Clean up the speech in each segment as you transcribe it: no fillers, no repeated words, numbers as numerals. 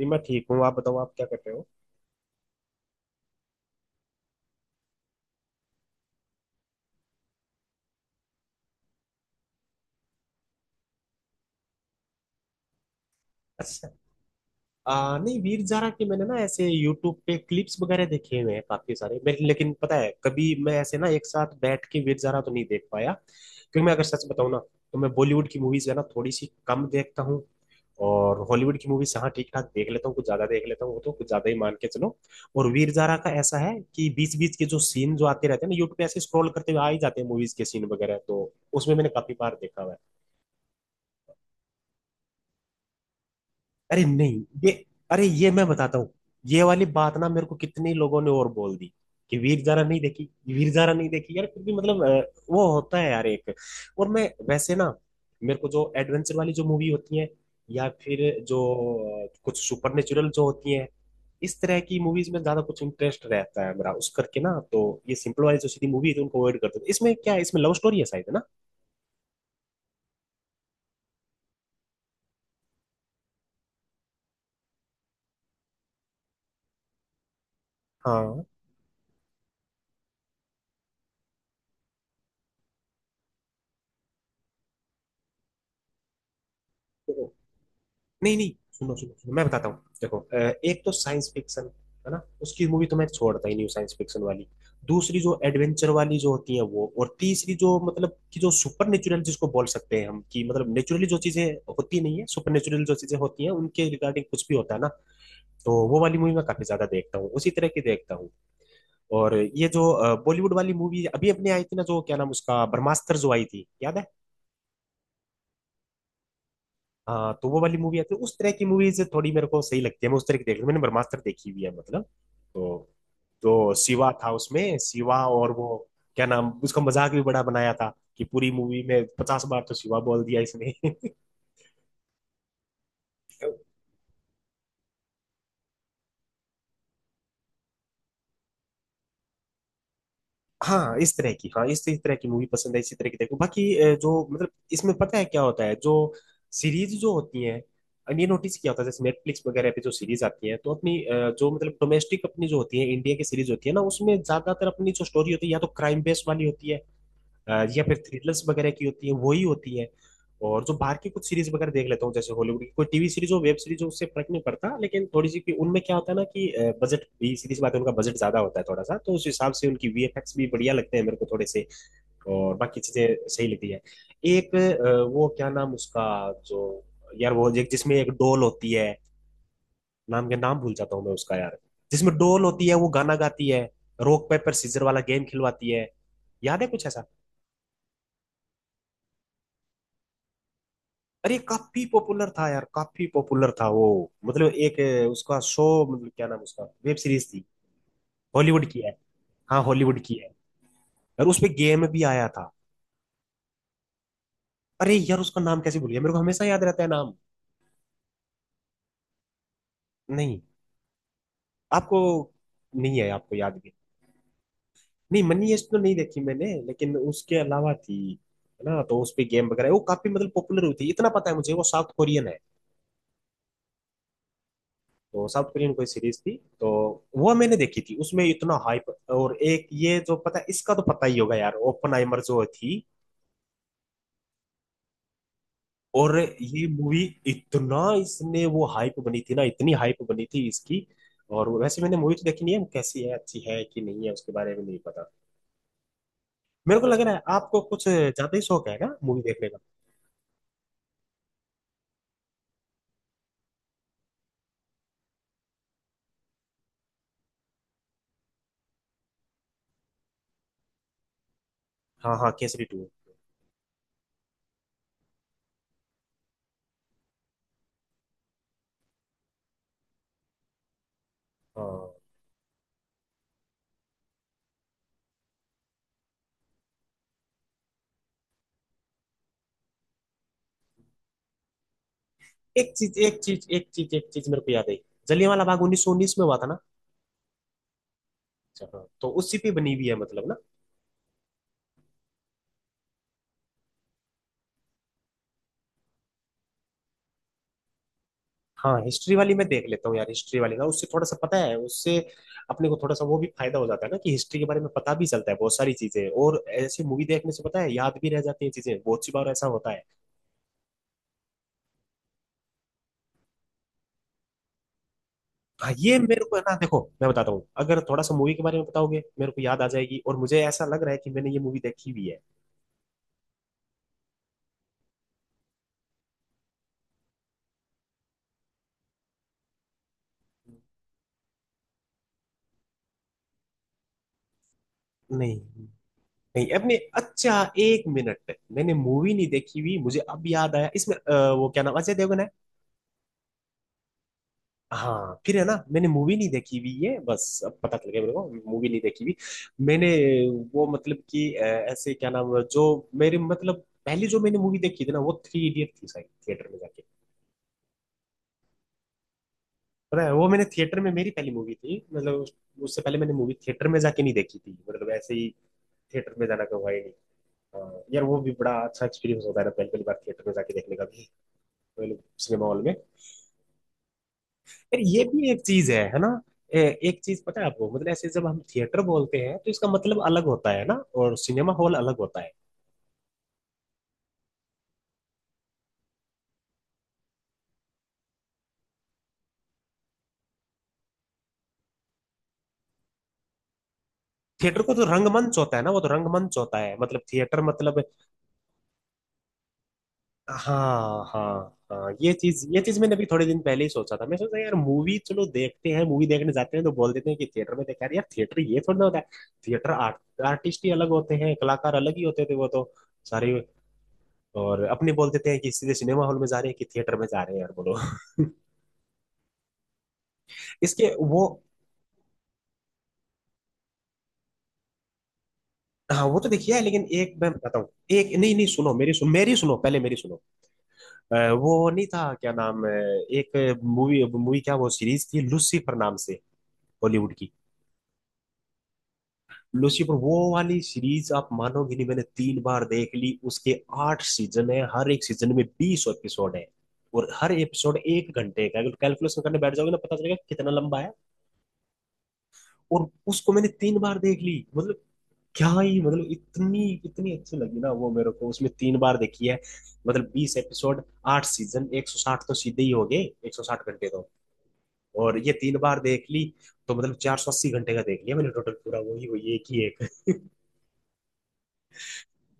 जी, मैं ठीक हूँ। आप बताओ, आप क्या कर रहे हो? अच्छा। नहीं, वीर जारा के मैंने ना ऐसे यूट्यूब पे क्लिप्स वगैरह देखे हुए हैं काफी सारे मैं, लेकिन पता है, कभी मैं ऐसे ना एक साथ बैठ के वीर जारा तो नहीं देख पाया, क्योंकि मैं अगर सच बताऊँ ना, तो मैं बॉलीवुड की मूवीज है ना थोड़ी सी कम देखता हूँ। और हॉलीवुड की मूवीज हाँ ठीक ठाक देख लेता हूँ, कुछ ज्यादा देख लेता हूँ, वो तो कुछ ज्यादा ही मान के चलो। और वीर जारा का ऐसा है कि बीच बीच के जो सीन जो आते रहते हैं ना, यूट्यूब पे ऐसे स्क्रॉल करते हुए आ ही जाते हैं मूवीज के सीन वगैरह, तो उसमें मैंने काफी बार देखा हुआ है। अरे नहीं। ये अरे, ये मैं बताता हूँ। ये वाली बात ना मेरे को कितने लोगों ने और बोल दी, कि वीर जारा नहीं देखी। वीर जारा नहीं देखी यार, फिर भी मतलब वो होता है यार एक। और मैं वैसे ना, मेरे को जो एडवेंचर वाली जो मूवी होती है, या फिर जो कुछ सुपरनेचुरल जो होती है, इस तरह की मूवीज में ज्यादा कुछ इंटरेस्ट रहता है मेरा उस करके ना। तो ये सिंपल वाली जो सीधी मूवी है, तो उनको अवॉइड करते थे। इसमें क्या है? इसमें लव स्टोरी है शायद, है ना? हाँ। नहीं नहीं, सुनो सुनो सुनो, मैं बताता हूँ। देखो एक तो साइंस फिक्शन है ना, उसकी मूवी तो मैं छोड़ता ही नहीं हूँ, साइंस फिक्शन वाली। दूसरी जो एडवेंचर वाली जो होती है वो, और तीसरी जो मतलब कि जो सुपर नेचुरल जिसको बोल सकते हैं हम, कि मतलब नेचुरली जो चीजें होती नहीं है, सुपर नेचुरल जो चीजें होती हैं, उनके रिगार्डिंग कुछ भी होता है ना, तो वो वाली मूवी मैं काफी ज्यादा देखता हूँ, उसी तरह की देखता हूँ। और ये जो बॉलीवुड वाली मूवी अभी अपने आई थी ना, जो क्या नाम उसका, ब्रह्मास्त्र जो आई थी, याद है? हाँ, तो वो वाली मूवी आती है, उस तरह की मूवीज थोड़ी मेरे को सही लगती है, मैं उस तरह की देख मैंने ब्रह्मास्त्र देखी हुई है मतलब, तो। तो शिवा था उसमें, शिवा और वो क्या नाम उसका। मजाक भी बड़ा बनाया था कि पूरी मूवी में 50 बार तो शिवा बोल दिया इसने। हाँ इस तरह की। हाँ, इस तरह की मूवी पसंद है, इसी तरह की। देखो, बाकी जो मतलब इसमें पता है क्या होता है, जो सीरीज जो होती है, ये नोटिस किया होता है जैसे नेटफ्लिक्स वगैरह पे जो सीरीज आती है, तो अपनी जो मतलब डोमेस्टिक अपनी जो होती है, इंडिया की सीरीज होती है ना, उसमें ज्यादातर अपनी जो स्टोरी होती है, या तो क्राइम बेस्ड वाली होती है, या फिर थ्रिलर्स वगैरह की होती है, वो ही होती है। और जो बाहर की कुछ सीरीज वगैरह देख लेता हूँ, जैसे हॉलीवुड की कोई टीवी सीरीज हो, वेब सीरीज हो, उससे फर्क नहीं पड़ता, लेकिन थोड़ी सी उनमें क्या होता है ना कि बजट भी सीरीज बात है, उनका बजट ज्यादा होता है थोड़ा सा, तो उस हिसाब से उनकी वीएफएक्स भी बढ़िया लगते हैं मेरे को थोड़े से, और बाकी चीजें सही लगती है। एक वो क्या नाम उसका, जो, यार वो एक जिसमें एक डोल होती है, नाम के नाम भूल जाता हूँ मैं उसका यार। जिसमें डोल होती है, वो गाना गाती है, रॉक पेपर सीजर वाला गेम खिलवाती है। याद है कुछ ऐसा? अरे काफी पॉपुलर था यार, काफी पॉपुलर था वो। मतलब एक उसका शो, मतलब क्या नाम उसका, वेब सीरीज थी। हॉलीवुड की है। हाँ, हॉलीवुड की है, और उसपे गेम भी आया था। अरे यार, उसका नाम कैसे भूल गया, मेरे को हमेशा याद रहता है नाम। नहीं, आपको नहीं है आपको याद भी? नहीं, मनी हेस्ट तो नहीं देखी मैंने, लेकिन उसके अलावा थी, है ना। तो उस पे गेम वगैरह वो काफी मतलब पॉपुलर हुई थी इतना पता है मुझे, वो साउथ कोरियन है। तो साउथ कोरियन कोई सीरीज थी, तो वो मैंने देखी थी, उसमें इतना हाइप। और एक ये जो पता, इसका तो पता ही होगा यार, ओपनहाइमर जो थी। और ये मूवी, इतना इसने वो हाइप बनी थी ना, इतनी हाइप बनी थी इसकी। और वैसे मैंने मूवी तो देखी नहीं है, कैसी है, अच्छी है कि नहीं है उसके बारे में नहीं पता। मेरे को लग रहा है आपको कुछ ज्यादा ही शौक है ना मूवी देखने का। हाँ हाँ, केसरी 2। हाँ, एक चीज एक चीज एक चीज एक चीज मेरे को याद आई। जलियांवाला बाग 1919 में हुआ था ना? अच्छा, हाँ, तो उसी पे बनी हुई है मतलब ना। हाँ, हिस्ट्री वाली मैं देख लेता हूँ यार, हिस्ट्री वाली ना, उससे थोड़ा सा पता है, उससे अपने को थोड़ा सा वो भी फायदा हो जाता है ना, कि हिस्ट्री के बारे में पता भी चलता है बहुत सारी चीजें, और ऐसे मूवी देखने से पता है याद भी रह जाती है चीजें, बहुत सी बार ऐसा होता है। हाँ, ये मेरे को है ना, देखो मैं बताता हूँ, अगर थोड़ा सा मूवी के बारे में बताओगे मेरे को याद आ जाएगी, और मुझे ऐसा लग रहा है कि मैंने ये मूवी देखी हुई है। नहीं नहीं, अपने अच्छा, एक मिनट, मैंने मूवी नहीं देखी हुई, मुझे अब याद आया इसमें वो क्या नाम, अजय देवगन है। हाँ फिर, है ना, मैंने मूवी नहीं देखी हुई है, बस अब पता चल गया मेरे को, मूवी नहीं देखी हुई मैंने। वो मतलब कि ऐसे क्या नाम है, जो मेरे मतलब पहली जो मैंने मूवी देखी थी ना वो 3 इडियट थी शायद, थिएटर में जाके। पता है वो, मैंने थिएटर में मेरी पहली मूवी थी मतलब, उससे पहले मैंने मूवी थिएटर में जाके नहीं देखी थी, मतलब ऐसे ही थिएटर में जाना का हुआ ही नहीं। हाँ, यार वो भी बड़ा अच्छा एक्सपीरियंस होता है ना, पहली पहली बार थिएटर में जाके देखने का भी, मतलब सिनेमा हॉल में। फिर ये भी एक चीज है ना? एक चीज पता है आपको, मतलब ऐसे जब हम थिएटर बोलते हैं तो इसका मतलब अलग होता है ना, और सिनेमा हॉल अलग होता है। थिएटर को तो रंगमंच होता है ना, वो तो रंगमंच होता है, मतलब थिएटर मतलब। हाँ हाँ हाँ, ये चीज मैंने अभी थोड़े दिन पहले ही सोचा था, मैं सोचा यार, मूवी चलो देखते हैं, मूवी देखने जाते हैं तो बोल देते हैं कि थिएटर में देखा। यार थिएटर ये थोड़ा ना होता है, थिएटर आर्ट आर्टिस्ट ही अलग होते हैं, कलाकार अलग ही होते थे वो तो सारे। और अपने बोल देते हैं कि सीधे सिनेमा हॉल में जा रहे हैं कि थिएटर में जा रहे हैं यार, बोलो। इसके वो। हाँ, वो तो देखिए है, लेकिन एक मैं बताता हूँ। एक नहीं नहीं, सुनो मेरी सुनो मेरी सुनो, पहले मेरी सुनो। वो नहीं था क्या नाम है, एक मूवी, मूवी क्या, वो सीरीज थी लूसीफर नाम से, हॉलीवुड की। लूसीफर वो वाली सीरीज, आप मानोगे नहीं, मैंने 3 बार देख ली उसके। 8 सीजन है, हर एक सीजन में 20 एपिसोड है, और हर एपिसोड 1 घंटे का है। अगर कैलकुलेशन करने बैठ जाओगे ना, पता चलेगा कितना लंबा है। और उसको मैंने 3 बार देख ली, मतलब क्या ही मतलब, इतनी इतनी अच्छी लगी ना वो मेरे को, उसमें 3 बार देखी है। मतलब 20 एपिसोड, 8 सीजन, 160 तो सीधे ही हो गए, 160 घंटे तो। और ये 3 बार देख ली, तो मतलब 480 घंटे का देख लिया मैंने टोटल, पूरा वही वही एक ही एक।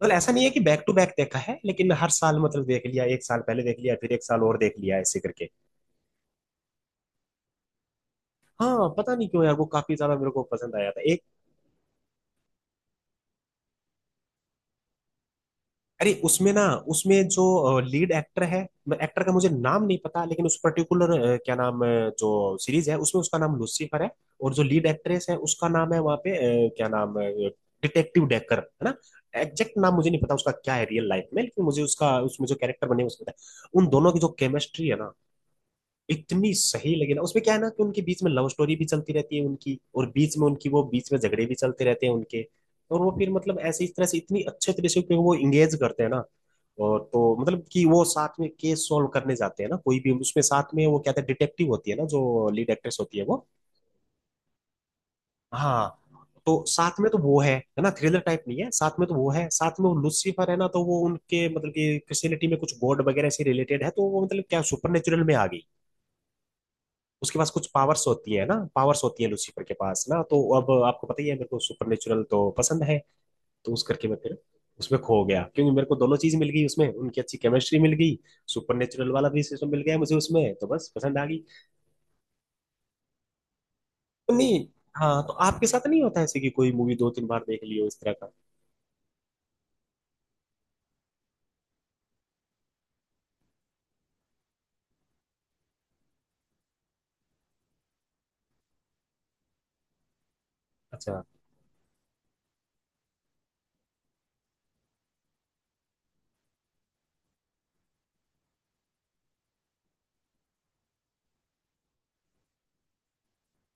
मतलब ऐसा नहीं है कि बैक टू बैक देखा है, लेकिन हर साल मतलब देख लिया, एक साल पहले देख लिया, फिर एक साल और देख लिया, ऐसे करके। हाँ, पता नहीं क्यों यार, वो काफी ज्यादा मेरे को पसंद आया था। अरे उसमें ना, उसमें जो लीड एक्टर है, एक्टर का मुझे नाम नहीं पता, लेकिन उस पर्टिकुलर क्या नाम, जो सीरीज है उसमें उसका नाम लूसीफर है, और जो लीड एक्ट्रेस है उसका नाम है वहाँ पे क्या नाम, डिटेक्टिव डेकर है ना। एग्जैक्ट नाम मुझे नहीं पता उसका क्या है रियल लाइफ में, लेकिन मुझे उसका, उसमें जो कैरेक्टर बने हैं, उसमें पता है। उन दोनों की जो केमिस्ट्री है ना, इतनी सही लगी ना, उसमें क्या है ना कि उनके बीच में लव स्टोरी भी चलती रहती है उनकी, और बीच में उनकी वो, बीच में झगड़े भी चलते रहते हैं उनके। और वो फिर मतलब ऐसे इस तरह से इतनी अच्छे तरह से, क्योंकि वो इंगेज करते हैं ना, और तो मतलब कि वो साथ में केस सॉल्व करने जाते हैं ना कोई भी उसमें, साथ में वो कहते हैं डिटेक्टिव होती है ना जो लीड एक्ट्रेस होती है वो। हाँ, तो साथ में तो वो है ना, थ्रिलर टाइप नहीं है, साथ में तो वो है, साथ में वो लूसीफर है ना तो वो उनके मतलब कि क्रिश्चियनिटी में कुछ गॉड वगैरह से रिलेटेड है, तो वो मतलब क्या, सुपर नेचुरल में आ गई। उसके पास कुछ पावर्स होती है ना, पावर्स होती है लूसीफर के पास ना, तो अब आपको पता ही है मेरे को सुपरनेचुरल तो पसंद है। तो उस करके मैं फिर उसमें खो गया, क्योंकि मेरे को दोनों चीज मिल गई उसमें, उनकी अच्छी केमिस्ट्री मिल गई, सुपरनेचुरल वाला भी सिस्टम मिल गया मुझे उसमें, तो बस पसंद आ गई। तो नहीं। हाँ, तो आपके साथ नहीं होता ऐसे कि कोई मूवी दो तीन बार देख ली हो, इस तरह का? अच्छा,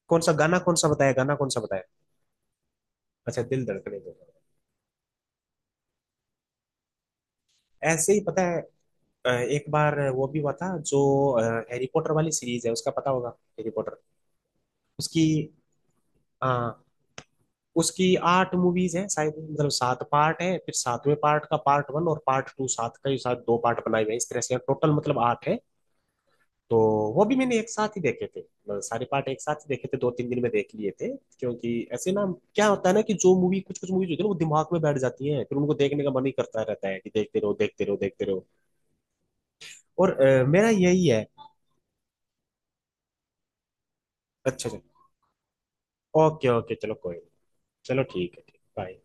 कौन सा गाना कौन सा बताया, गाना कौन सा बताया? अच्छा, दिल धड़कने दो। ऐसे ही पता है। एक बार वो भी हुआ था जो, हैरी पॉटर वाली सीरीज है, उसका पता होगा, हैरी पॉटर। उसकी, हाँ, उसकी 8 मूवीज हैं शायद, मतलब 7 पार्ट है, फिर सातवें पार्ट का पार्ट 1 और पार्ट 2, सात का ही शायद 2 पार्ट बनाए हुए हैं इस तरह से, टोटल मतलब 8 है तो। वो भी मैंने एक साथ ही देखे थे, मतलब सारे पार्ट एक साथ ही देखे थे, दो तीन दिन में देख लिए थे, क्योंकि ऐसे ना, क्या होता है ना, कि जो मूवी, कुछ कुछ मूवीज होती है ना, वो दिमाग में बैठ जाती है, फिर उनको देखने का मन ही करता रहता है कि देखते रहो देखते रहो देखते रहो। और मेरा यही है। अच्छा अच्छा, ओके ओके, चलो कोई नहीं। चलो ठीक है, ठीक, बाय।